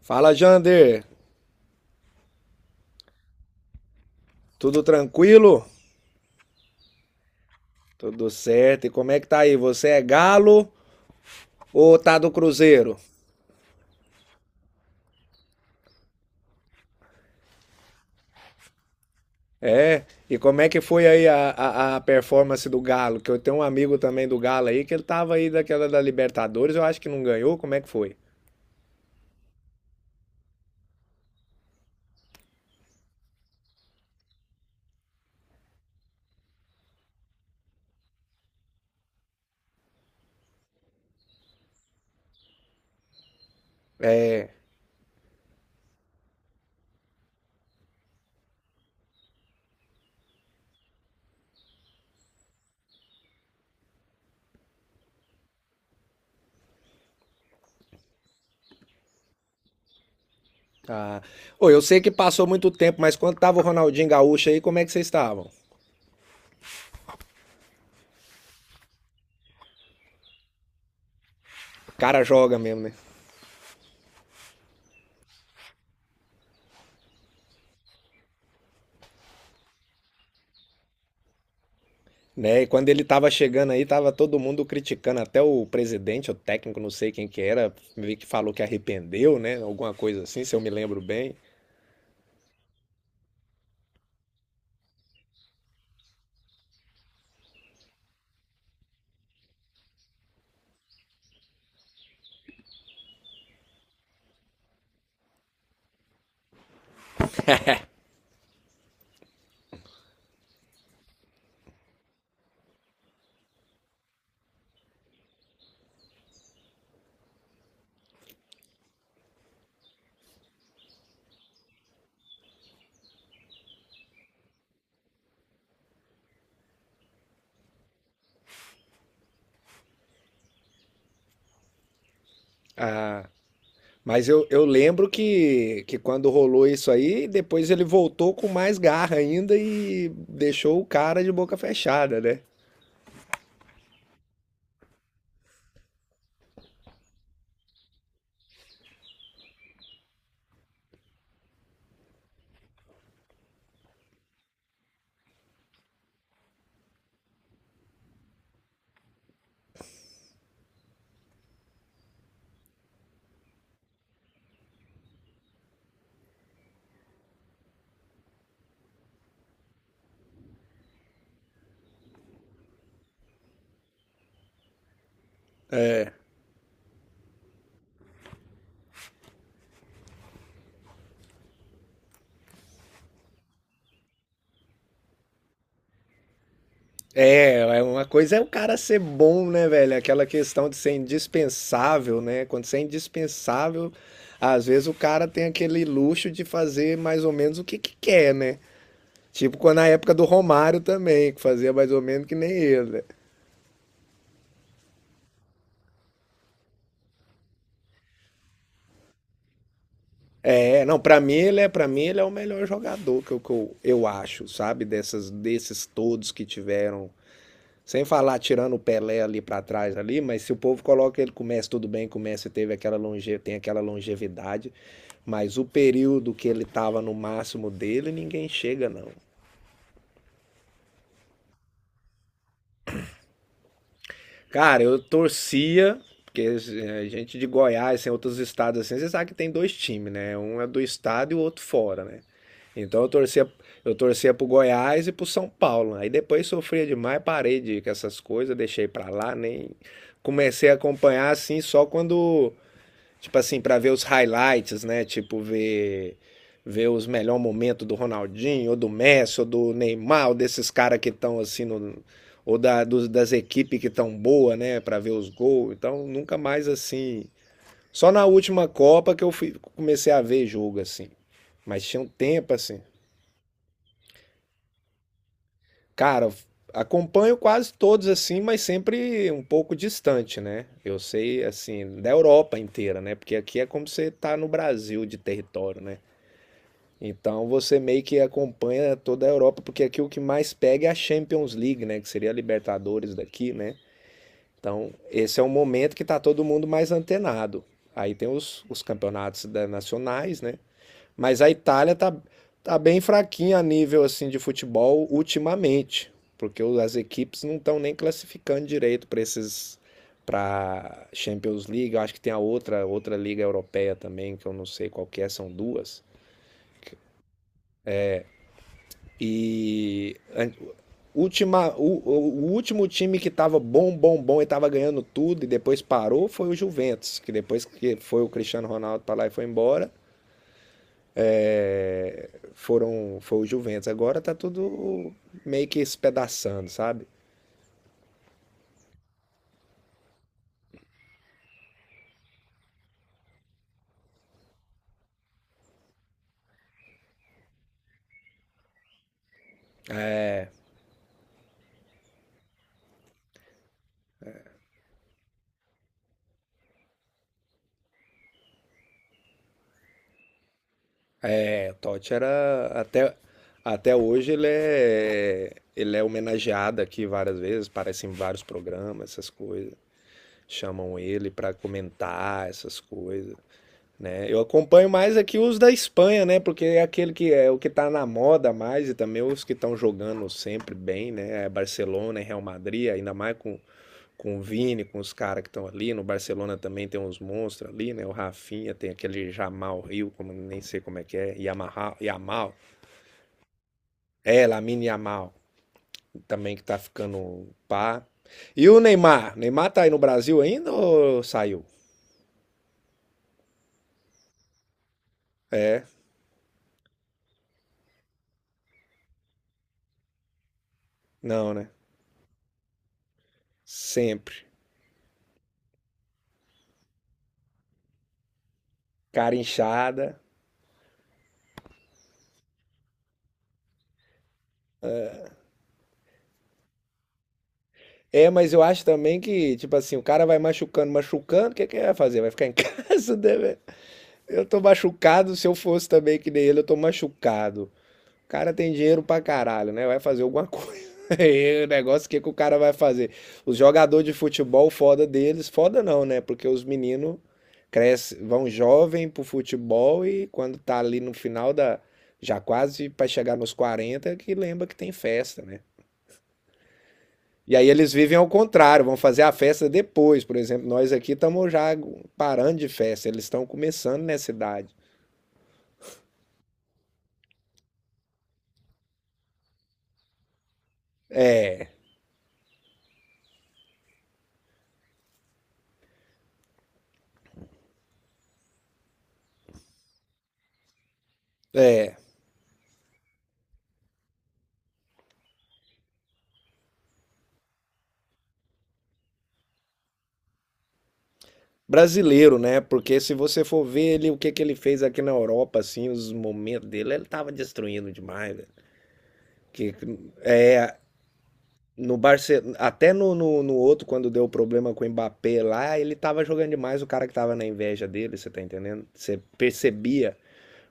Fala, Jander. Tudo tranquilo? Tudo certo. E como é que tá aí? Você é galo ou tá do Cruzeiro? É. E como é que foi aí a performance do Galo? Que eu tenho um amigo também do Galo aí que ele tava aí daquela da Libertadores, eu acho que não ganhou. Como é que foi? É. Tá. Ô, eu sei que passou muito tempo, mas quando tava o Ronaldinho Gaúcho aí, como é que vocês estavam? O cara joga mesmo, né? Né? E quando ele estava chegando aí, tava todo mundo criticando, até o presidente, o técnico, não sei quem que era, meio que falou que arrependeu, né? Alguma coisa assim, se eu me lembro bem. Ah, mas eu lembro que quando rolou isso aí, depois ele voltou com mais garra ainda e deixou o cara de boca fechada, né? É, uma coisa é o cara ser bom, né, velho? Aquela questão de ser indispensável, né? Quando você é indispensável, às vezes o cara tem aquele luxo de fazer mais ou menos o que que quer, né? Tipo quando na época do Romário também, que fazia mais ou menos que nem ele, né? É, não, pra mim ele é, para mim ele é o melhor jogador que eu acho, sabe? Desses todos que tiveram. Sem falar tirando o Pelé ali para trás ali, mas se o povo coloca ele começa tudo bem, começa e teve aquela longevidade, mas o período que ele tava no máximo dele, ninguém chega não. Cara, eu torcia porque a gente de Goiás, em outros estados assim, você sabe que tem dois times, né? Um é do estado e o outro fora, né? Então eu torcia pro Goiás e pro São Paulo, né? Aí depois sofria demais, parei de ir com essas coisas, deixei pra lá, nem comecei a acompanhar assim só quando, tipo assim, pra ver os highlights, né? Tipo, ver os melhores momentos do Ronaldinho, ou do Messi, ou do Neymar, ou desses caras que estão assim no. Ou das equipes que estão boa, né? Pra ver os gols. Então, nunca mais assim. Só na última Copa que eu fui, comecei a ver jogo, assim. Mas tinha um tempo, assim. Cara, acompanho quase todos, assim, mas sempre um pouco distante, né? Eu sei, assim, da Europa inteira, né? Porque aqui é como você tá no Brasil de território, né? Então você meio que acompanha toda a Europa, porque aqui o que mais pega é a Champions League, né? Que seria a Libertadores daqui, né? Então esse é um momento que tá todo mundo mais antenado. Aí tem os campeonatos nacionais, né? Mas a Itália tá bem fraquinha a nível assim de futebol ultimamente, porque as equipes não estão nem classificando direito para Champions League. Eu acho que tem a outra liga europeia também, que eu não sei qual que é, são duas. E a- última, o último time que estava bom, bom, bom e estava ganhando tudo e depois parou foi o Juventus, que depois que foi o Cristiano Ronaldo para lá e foi embora, foram foi o Juventus. Agora tá tudo meio que espedaçando, sabe? É, é, o Totti era até hoje ele é homenageado aqui várias vezes, aparece em vários programas, essas coisas. Chamam ele para comentar essas coisas, né? Eu acompanho mais aqui os da Espanha, né? Porque é aquele que é o que tá na moda mais e também os que estão jogando sempre bem, né? É Barcelona, é Real Madrid, ainda mais com o Vini, com os caras que estão ali. No Barcelona também tem uns monstros ali, né? O Rafinha, tem aquele Jamal Rio, como nem sei como é que é, Yamaha, Yamal. É, Lamine Yamal, também que tá ficando pá. E o Neymar? Neymar tá aí no Brasil ainda ou saiu? É, não, né? Sempre. Cara inchada. É, mas eu acho também que, tipo assim, o cara vai machucando, machucando, o que que ele vai fazer? Vai ficar em casa, né, velho? Eu tô machucado, se eu fosse também que nem ele, eu tô machucado. O cara tem dinheiro pra caralho, né? Vai fazer alguma coisa. E o negócio, o que que o cara vai fazer? Os jogadores de futebol, foda deles, foda não, né? Porque os meninos crescem, vão jovem pro futebol e quando tá ali no final da... Já quase pra chegar nos 40, é que lembra que tem festa, né? E aí eles vivem ao contrário, vão fazer a festa depois. Por exemplo, nós aqui estamos já parando de festa, eles estão começando nessa idade. Brasileiro, né? Porque se você for ver ele, o que ele fez aqui na Europa, assim, os momentos dele, ele tava destruindo demais, velho. Que, é, no Barcelona, até no outro, quando deu problema com o Mbappé lá, ele tava jogando demais o cara que tava na inveja dele, você tá entendendo? Você percebia.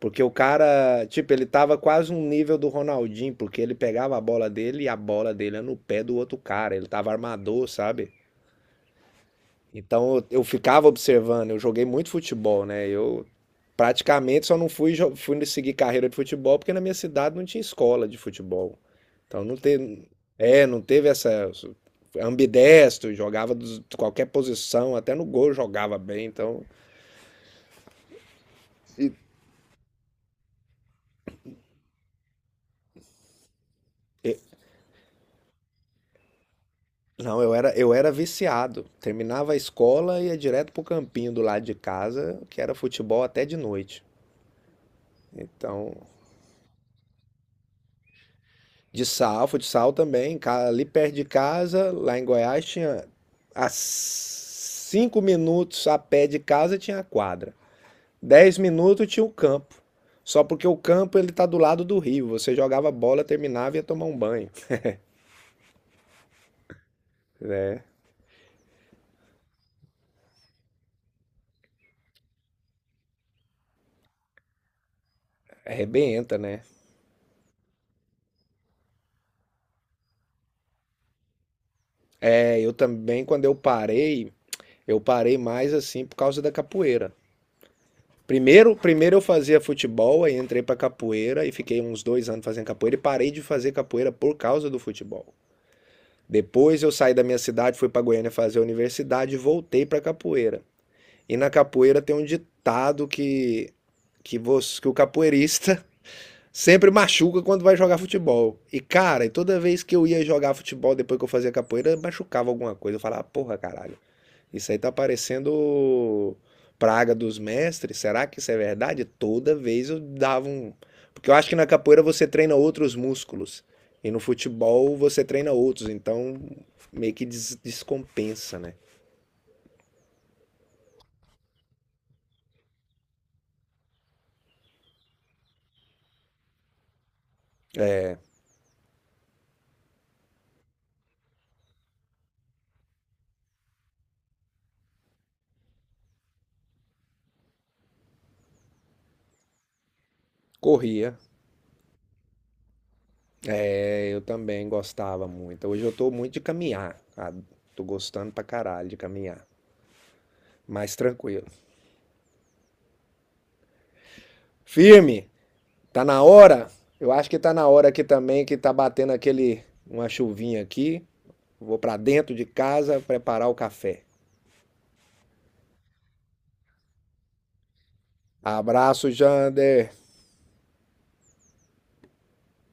Porque o cara, tipo, ele tava quase um nível do Ronaldinho, porque ele pegava a bola dele e a bola dele era no pé do outro cara. Ele tava armador, sabe? Então eu ficava observando, eu joguei muito futebol, né? Eu praticamente só não fui seguir carreira de futebol porque na minha cidade não tinha escola de futebol. Então não teve essa, ambidestro, jogava de qualquer posição, até no gol jogava bem, então. Não, eu era, viciado. Terminava a escola e ia direto pro campinho do lado de casa, que era futebol até de noite. Então, futsal também, ali perto de casa, lá em Goiás, tinha a 5 minutos a pé de casa tinha a quadra. 10 minutos tinha o campo. Só porque o campo ele tá do lado do rio. Você jogava bola, terminava e ia tomar um banho. É, arrebenta, né? É, eu também, quando eu parei mais assim por causa da capoeira. Primeiro eu fazia futebol, aí entrei pra capoeira e fiquei uns 2 anos fazendo capoeira e parei de fazer capoeira por causa do futebol. Depois eu saí da minha cidade, fui pra Goiânia fazer a universidade e voltei pra capoeira. E na capoeira tem um ditado que o capoeirista sempre machuca quando vai jogar futebol. E cara, toda vez que eu ia jogar futebol depois que eu fazia capoeira, machucava alguma coisa. Eu falava, "Ah, porra, caralho. Isso aí tá parecendo praga dos mestres. Será que isso é verdade? Toda vez eu dava um." Porque eu acho que na capoeira você treina outros músculos. E no futebol você treina outros. Então meio que descompensa, né? Corria. É, eu também gostava muito. Hoje eu tô muito de caminhar, cara. Tô gostando pra caralho de caminhar. Mais tranquilo. Firme! Tá na hora? Eu acho que tá na hora aqui também, que tá batendo aquele. Uma chuvinha aqui. Vou para dentro de casa preparar o café. Abraço, Jander!